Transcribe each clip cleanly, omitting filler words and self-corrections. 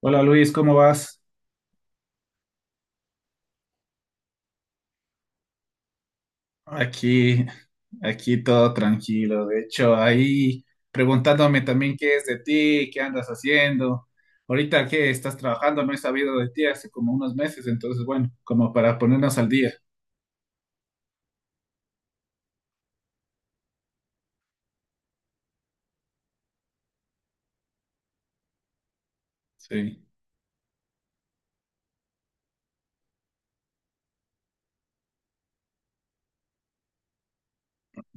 Hola Luis, ¿cómo vas? Aquí, aquí todo tranquilo. De hecho, ahí preguntándome también qué es de ti, qué andas haciendo. Ahorita que estás trabajando, no he sabido de ti hace como unos meses, entonces bueno, como para ponernos al día. Sí.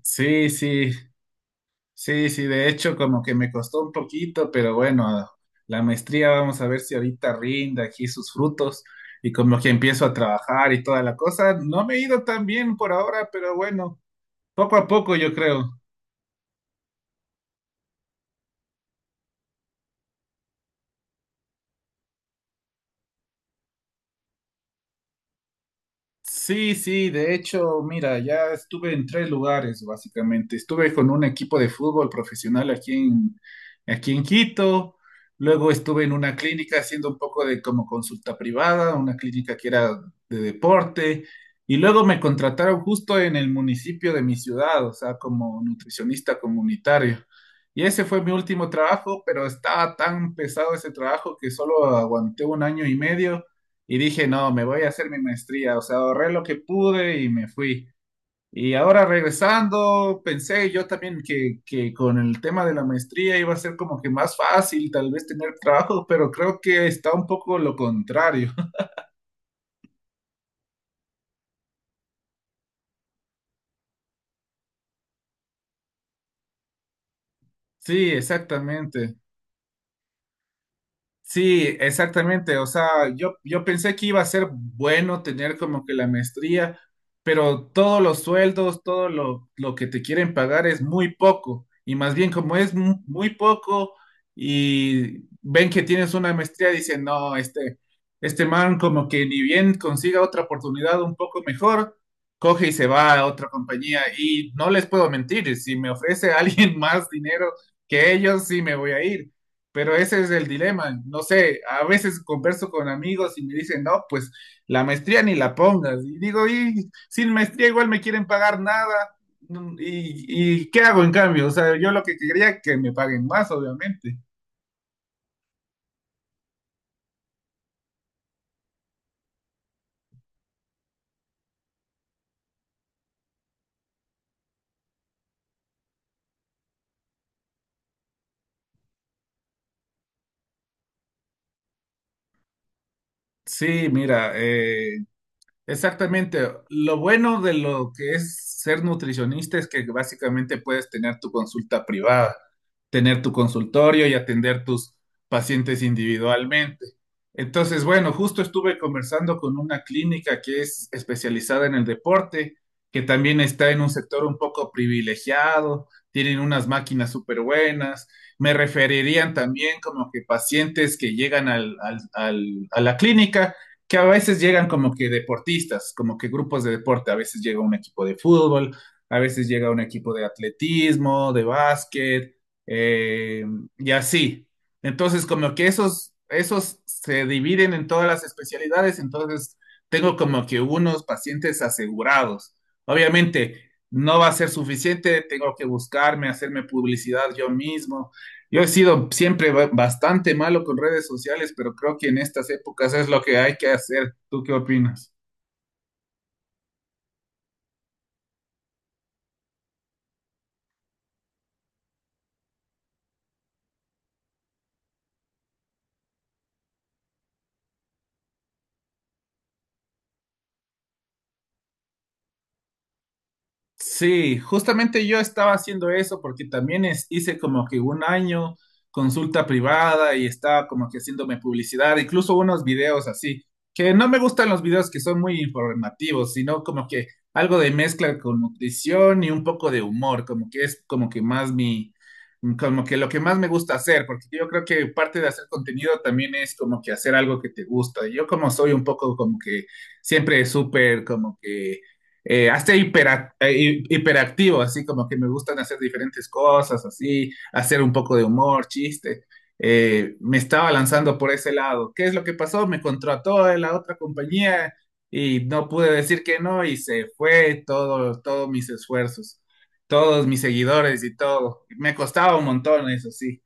Sí, sí, sí, sí, de hecho como que me costó un poquito, pero bueno, la maestría vamos a ver si ahorita rinde aquí sus frutos y como que empiezo a trabajar y toda la cosa. No me he ido tan bien por ahora, pero bueno. Poco a poco, yo creo. Sí, sí, de hecho, mira, ya estuve en tres lugares, básicamente. Estuve con un equipo de fútbol profesional aquí en Quito. Luego estuve en una clínica haciendo un poco de como consulta privada, una clínica que era de deporte. Y luego me contrataron justo en el municipio de mi ciudad, o sea, como nutricionista comunitario. Y ese fue mi último trabajo, pero estaba tan pesado ese trabajo que solo aguanté un año y medio. Y dije, no, me voy a hacer mi maestría, o sea, ahorré lo que pude y me fui. Y ahora regresando, pensé yo también que con el tema de la maestría iba a ser como que más fácil tal vez tener trabajo, pero creo que está un poco lo contrario. Sí, exactamente. Sí, exactamente. O sea, yo pensé que iba a ser bueno tener como que la maestría, pero todos los sueldos, todo lo que te quieren pagar es muy poco. Y más bien como es muy poco y ven que tienes una maestría, dicen, no, este man como que ni bien consiga otra oportunidad un poco mejor, coge y se va a otra compañía. Y no les puedo mentir, si me ofrece alguien más dinero que ellos, sí me voy a ir. Pero ese es el dilema. No sé, a veces converso con amigos y me dicen, no, pues la maestría ni la pongas. Y digo, y sin maestría igual me quieren pagar nada. ¿Y qué hago en cambio? O sea, yo lo que quería es que me paguen más, obviamente. Sí, mira, exactamente. Lo bueno de lo que es ser nutricionista es que básicamente puedes tener tu consulta privada, tener tu consultorio y atender tus pacientes individualmente. Entonces, bueno, justo estuve conversando con una clínica que es especializada en el deporte, que también está en un sector un poco privilegiado, tienen unas máquinas súper buenas. Me referirían también como que pacientes que llegan a la clínica que a veces llegan como que deportistas, como que grupos de deporte, a veces llega un equipo de fútbol, a veces llega un equipo de atletismo, de básquet, eh, y así. Entonces, como que esos se dividen en todas las especialidades, entonces tengo como que unos pacientes asegurados. Obviamente, no va a ser suficiente, tengo que buscarme, hacerme publicidad yo mismo. Yo he sido siempre bastante malo con redes sociales, pero creo que en estas épocas es lo que hay que hacer. ¿Tú qué opinas? Sí, justamente yo estaba haciendo eso porque también hice como que un año consulta privada y estaba como que haciéndome publicidad, incluso unos videos así, que no me gustan los videos que son muy informativos, sino como que algo de mezcla con nutrición y un poco de humor, como que es como que más mi, como que lo que más me gusta hacer, porque yo creo que parte de hacer contenido también es como que hacer algo que te gusta. Yo como soy un poco como que siempre súper como que hasta hiperactivo, así como que me gustan hacer diferentes cosas, así, hacer un poco de humor, chiste. Me estaba lanzando por ese lado. ¿Qué es lo que pasó? Me contrató en la otra compañía y no pude decir que no y se fue todo, todos mis esfuerzos, todos mis seguidores y todo. Me costaba un montón, eso sí.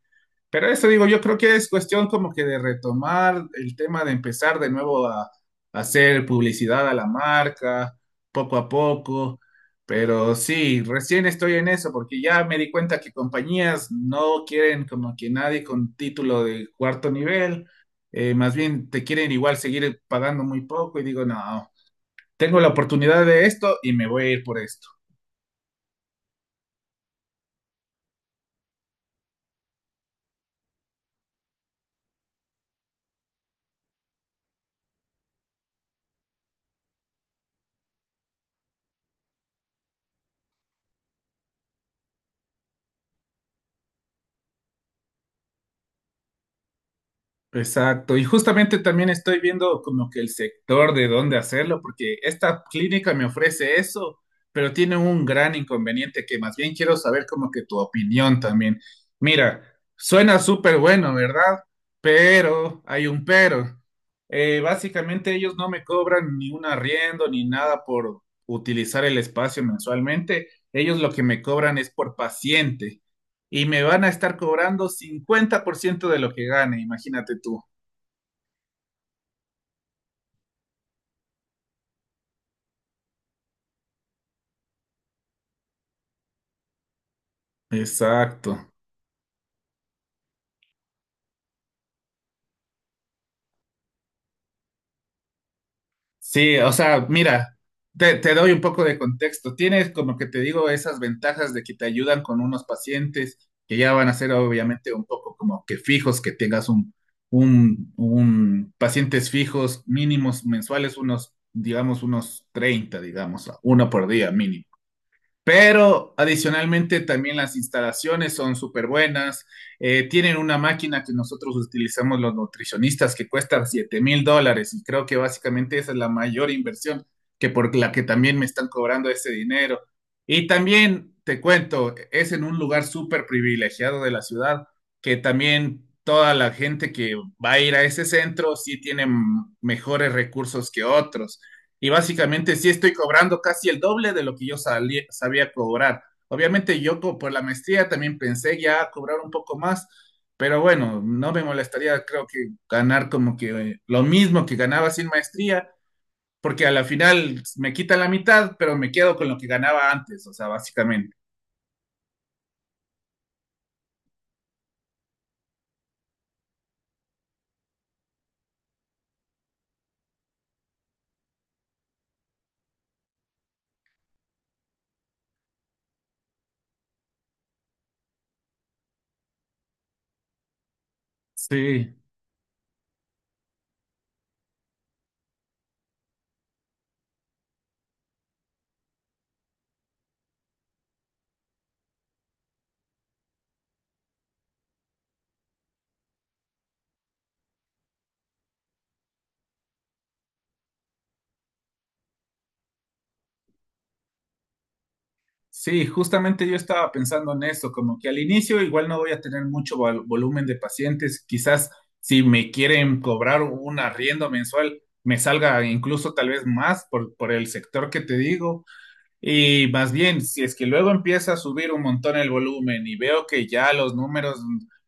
Pero eso digo, yo creo que es cuestión como que de retomar el tema de empezar de nuevo a hacer publicidad a la marca, poco a poco. Pero sí, recién estoy en eso porque ya me di cuenta que compañías no quieren como que nadie con título de cuarto nivel, más bien te quieren igual seguir pagando muy poco y digo, no, tengo la oportunidad de esto y me voy a ir por esto. Exacto, y justamente también estoy viendo como que el sector de dónde hacerlo, porque esta clínica me ofrece eso, pero tiene un gran inconveniente que más bien quiero saber como que tu opinión también. Mira, suena súper bueno, ¿verdad? Pero hay un pero. Básicamente ellos no me cobran ni un arriendo ni nada por utilizar el espacio mensualmente. Ellos lo que me cobran es por paciente y me van a estar cobrando 50% de lo que gane, imagínate tú. Exacto. Sí, o sea, mira, te doy un poco de contexto. Tienes, como que te digo, esas ventajas de que te ayudan con unos pacientes que ya van a ser obviamente un poco como que fijos, que tengas un, pacientes fijos mínimos mensuales, unos, digamos, unos 30, digamos, uno por día mínimo. Pero adicionalmente también las instalaciones son súper buenas. Tienen una máquina que nosotros utilizamos los nutricionistas que cuesta $7.000 y creo que básicamente esa es la mayor inversión que por la que también me están cobrando ese dinero. Y también te cuento, es en un lugar súper privilegiado de la ciudad que también toda la gente que va a ir a ese centro sí tiene mejores recursos que otros. Y básicamente sí estoy cobrando casi el doble de lo que yo sabía cobrar. Obviamente yo por la maestría también pensé ya cobrar un poco más, pero bueno, no me molestaría creo que ganar como que lo mismo que ganaba sin maestría, porque a la final me quita la mitad, pero me quedo con lo que ganaba antes, o sea, básicamente. Sí. Sí, justamente yo estaba pensando en eso, como que al inicio igual no voy a tener mucho volumen de pacientes, quizás si me quieren cobrar un arriendo mensual, me salga incluso tal vez más por el sector que te digo, y más bien, si es que luego empieza a subir un montón el volumen y veo que ya los números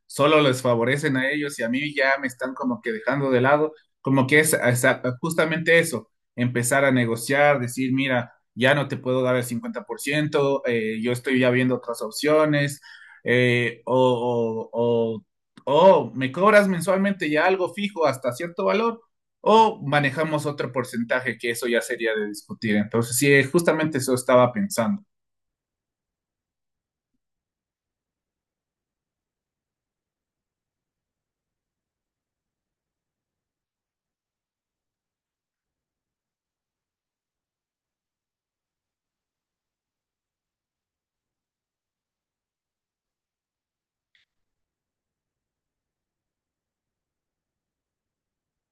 solo les favorecen a ellos y a mí ya me están como que dejando de lado, como que es justamente eso, empezar a negociar, decir, mira, ya no te puedo dar el 50%, yo estoy ya viendo otras opciones, eh, o, o, o o me cobras mensualmente ya algo fijo hasta cierto valor o manejamos otro porcentaje que eso ya sería de discutir. Entonces, sí, justamente eso estaba pensando.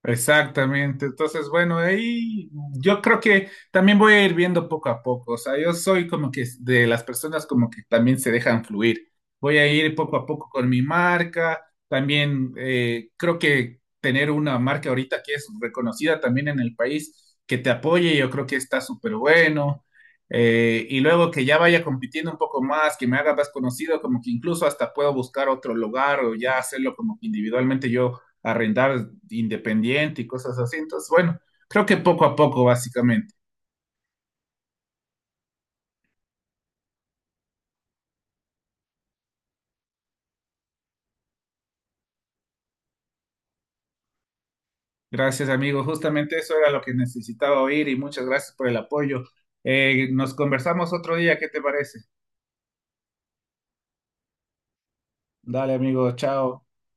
Exactamente. Entonces, bueno, ahí yo creo que también voy a ir viendo poco a poco. O sea, yo soy como que de las personas como que también se dejan fluir. Voy a ir poco a poco con mi marca. También creo que tener una marca ahorita que es reconocida también en el país, que te apoye, yo creo que está súper bueno. Y luego que ya vaya compitiendo un poco más, que me haga más conocido, como que incluso hasta puedo buscar otro lugar o ya hacerlo como que individualmente yo a rentar independiente y cosas así. Entonces, bueno, creo que poco a poco, básicamente. Gracias, amigo. Justamente eso era lo que necesitaba oír y muchas gracias por el apoyo. Nos conversamos otro día, ¿qué te parece? Dale, amigo, chao.